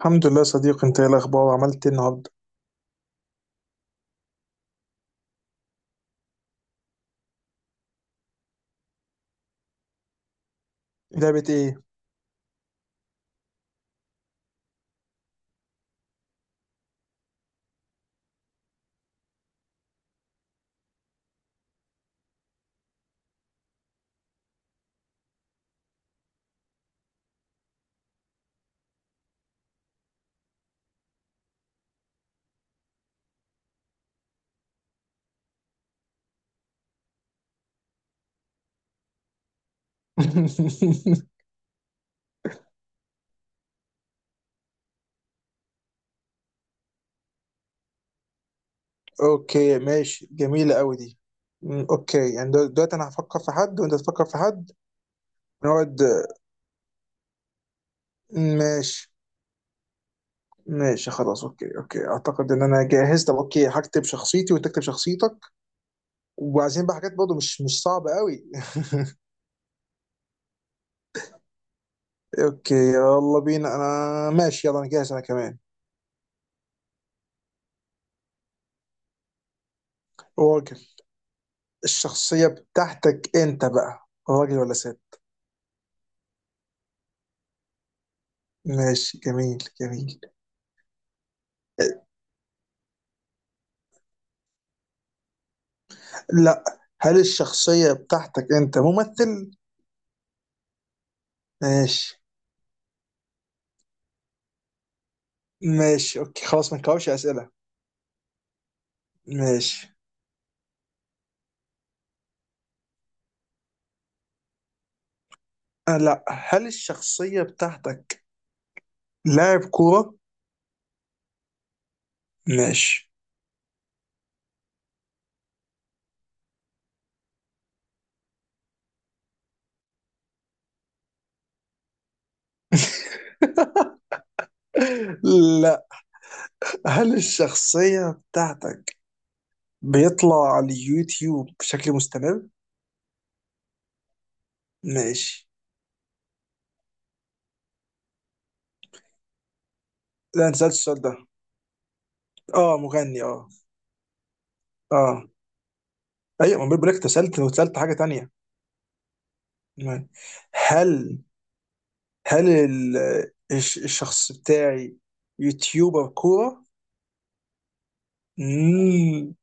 الحمد لله يا صديقي، انت ايه الاخبار؟ عملت ايه النهارده؟ لعبه ايه؟ اوكي ماشي، جميله قوي دي. اوكي، يعني دلوقتي انا هفكر في حد وانت تفكر في حد. نقعد. ماشي. ماشي خلاص، اوكي اوكي، اعتقد ان انا جاهز. طب اوكي هكتب شخصيتي وانت تكتب شخصيتك. وعايزين بقى حاجات برضه مش صعبه قوي. اوكي يلا بينا، انا ماشي، يلا انا جاهز، انا كمان. راجل. الشخصيه بتاعتك انت بقى راجل ولا ست؟ ماشي، جميل جميل. لا. هل الشخصية بتاعتك أنت ممثل؟ ماشي. ماشي أوكي خلاص، ما نكررش أسئلة. ماشي. آه لا. هل الشخصية بتاعتك لاعب كورة؟ ماشي. لا. هل الشخصية بتاعتك بيطلع على اليوتيوب بشكل مستمر؟ ماشي. لا أنت سألت السؤال ده. أه مغني أه. أه. أيوة، ما بقول لك أنت سألت وسألت حاجة تانية. ماشي. هل الشخص بتاعي يوتيوبر كورة؟ مم.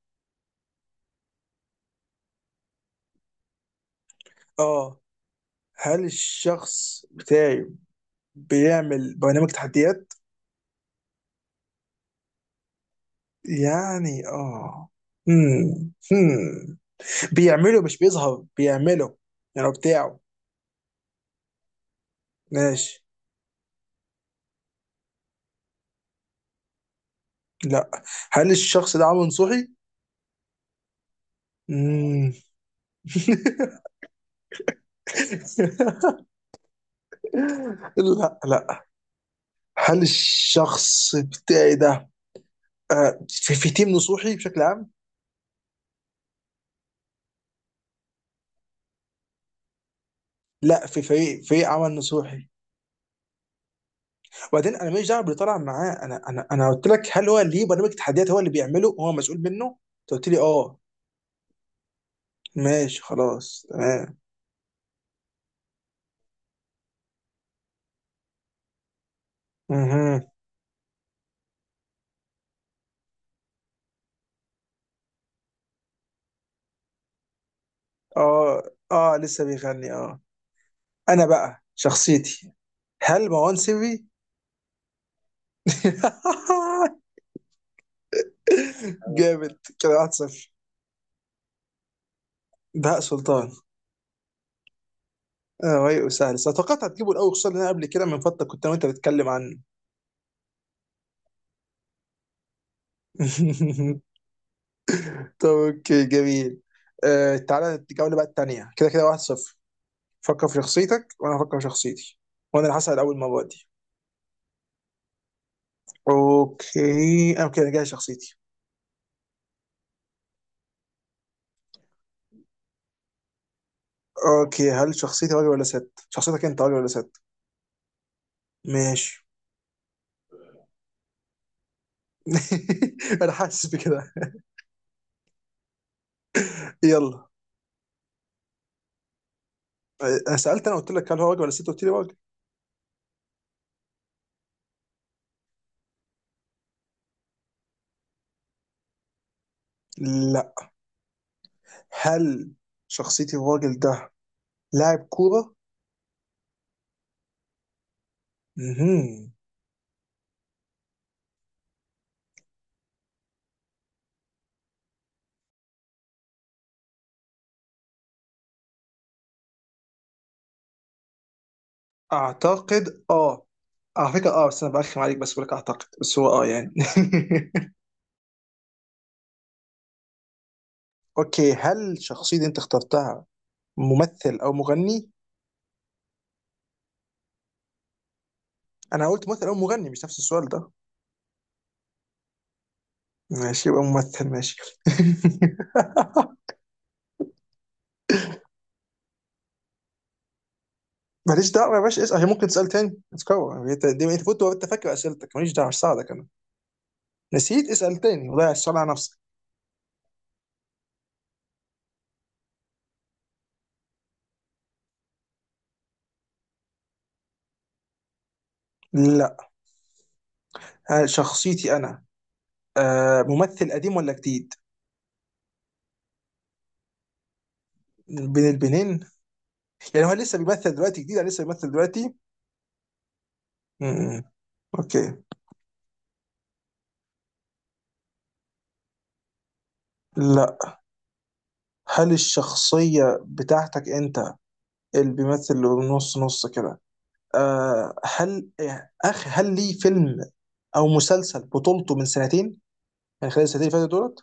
اه. هل الشخص بتاعي بيعمل برنامج تحديات؟ يعني اه. مم. مم. بيعمله، مش بيظهر بيعمله، يعني هو بتاعه. ماشي. لا. هل الشخص ده عمرو نصوحي؟ مم. لا لا. هل الشخص بتاعي ده في تيم نصوحي بشكل عام؟ لا، في فريق، فريق عمل نصوحي. وبعدين انا ماليش دعوه باللي طلع معاه، انا انا قلت لك هل هو ليه برنامج تحديات، هو اللي بيعمله، هو مسؤول منه. انت قلت لي اه. ماشي خلاص تمام. اها. اه. اه لسه بيغني اه. انا بقى شخصيتي، هل مروان سري؟ جامد كده، 1 0. بهاء سلطان. اه رايق وسهل، بس توقعت هتجيبه الاول، خصوصا ان انا قبل كده من فتره كنت انا وانت بتتكلم عنه. طب اوكي جميل. آه تعالى الجولة بقى التانية، كده كده واحد صفر. فكر في شخصيتك وانا افكر في شخصيتي، وانا اللي هسأل اول مرة دي. اوكي اوكي انا جاي شخصيتي. اوكي هل شخصيتي راجل ولا ست؟ شخصيتك انت راجل ولا ست؟ ماشي. انا حاسس بكده. يلا. انا سألت، انا قلت لك هل هو راجل ولا ست؟ قلت لي راجل. لا. هل شخصيتي الراجل ده لاعب كورة؟ مهم. اعتقد اه. على فكرة اه، بس انا برخم عليك، بس بقولك اعتقد، بس هو اه يعني. اوكي هل الشخصية اللي انت اخترتها ممثل او مغني؟ انا قلت ممثل او مغني، مش نفس السؤال ده. ماشي يبقى ممثل، ماشي. ماليش دعوة يا باشا، اسأل. هي ممكن تسأل تاني، اتكور انت دي، انت فوت وانت فاكر اسئلتك، ماليش دعوة، مش ساعدك انا. نسيت اسأل تاني، وضيع السؤال على نفسك. لا. هل شخصيتي انا آه ممثل قديم ولا جديد؟ بين البنين. يعني هو لسه بيمثل دلوقتي جديد ولا لسه بيمثل دلوقتي؟ م. اوكي. لا. هل الشخصية بتاعتك انت اللي بيمثل نص نص كده؟ آه هل هل ليه فيلم او مسلسل بطولته من سنتين، من خلال السنتين اللي فاتت دولت؟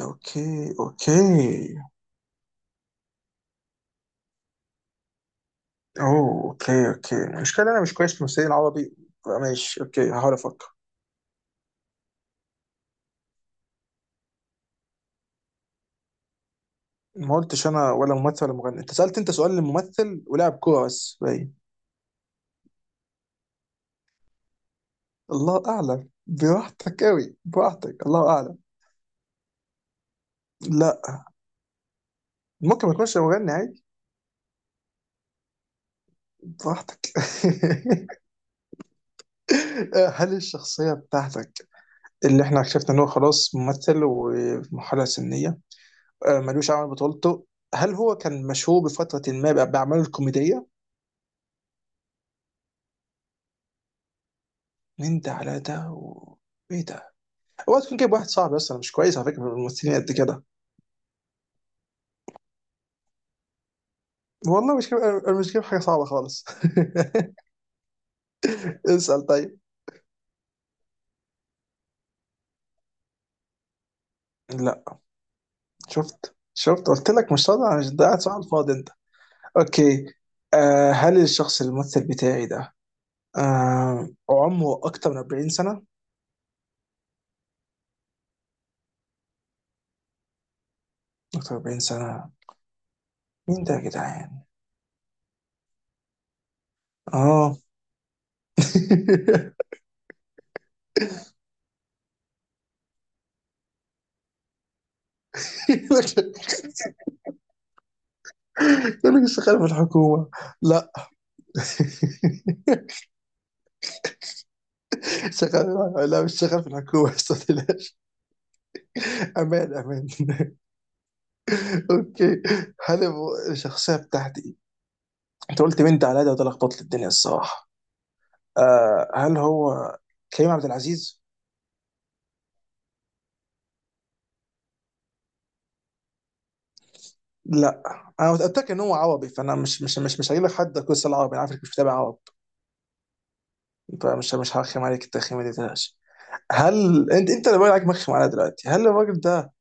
اوكي اوكي. اوه اوكي اوكي، المشكلة انا مش كويس في الممثلين العربي. ماشي اوكي، هحاول افكر. ما قلتش انا ولا ممثل ولا مغني، انت سألت، انت سؤال للممثل ولاعب كورة بس باين. الله اعلم، براحتك قوي براحتك، الله اعلم. لا. ممكن ما يكونش مغني عادي. براحتك. هل الشخصية بتاعتك اللي احنا اكتشفنا ان هو خلاص ممثل وفي مرحلة سنية، ملوش عمل بطولته، هل هو كان مشهور بفترة ما بأعماله الكوميدية؟ من ده على ده و... ايه ده؟ هو تكون جايب واحد صعب اصلا، مش كويس على فكرة في الممثلين قد كده. والله مش جايب، أنا مش جايب حاجة صعبة خالص. اسأل طيب. لا. شفت شفت، قلت لك مش صادق، مش ده قاعد صح، على الفاضي انت. اوكي. آه هل الشخص الممثل بتاعي ده آه عمره أكتر من 40 سنة؟ أكتر من 40 سنة، مين ده يا جدعان؟ آه. يقول لك شغال في الحكومة؟ لا. شغال، لا مش شغال في الحكومة. أستاذ. أمان أمان. أوكي. هل هو الشخصية بتاعتي، أنت قلت مين ده على ده وده لخبط لي الدنيا الصراحة. آه هل هو كريم عبد العزيز؟ لا. انا متاكد ان هو عربي، فانا مش هجيب لك حد كويس العربي، انا عارفك مش متابع عرب، فمش مش هرخم عليك التخيمه دي تلاش. هل انت اللي بالك مخ معانا دلوقتي، هل الراجل ده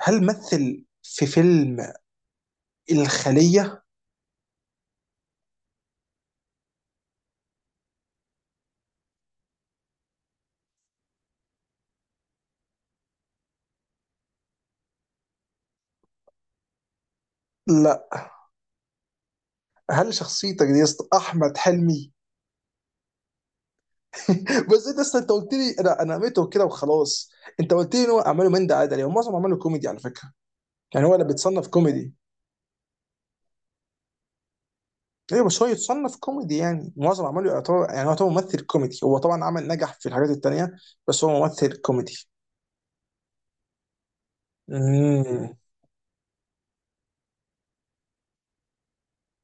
هل مثل في فيلم الخلية؟ لا. هل شخصيتك دي يا اسطى احمد حلمي؟ بس انت اصلا انت قلت لي، انا قمته كده وخلاص. انت قلت لي ان هو اعماله من ده عادي، هو معظم اعماله كوميدي على فكرة. يعني هو اللي بيتصنف كوميدي. ايوه بس هو يتصنف كوميدي، يعني معظم اعماله يعتبر، يعني هو يعتبر ممثل كوميدي، هو طبعا عمل نجح في الحاجات التانية، بس هو ممثل كوميدي. امم.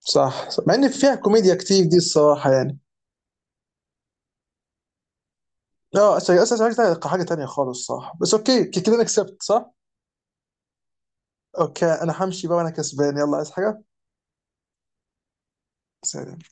صح صح. مع ان فيها كوميديا كتير دي الصراحة يعني. لا، اصل عايز حاجه تانيه خالص صح، بس اوكي كده انا كسبت صح. اوكي انا همشي بقى وانا كسبان، يلا عايز حاجه. سلام.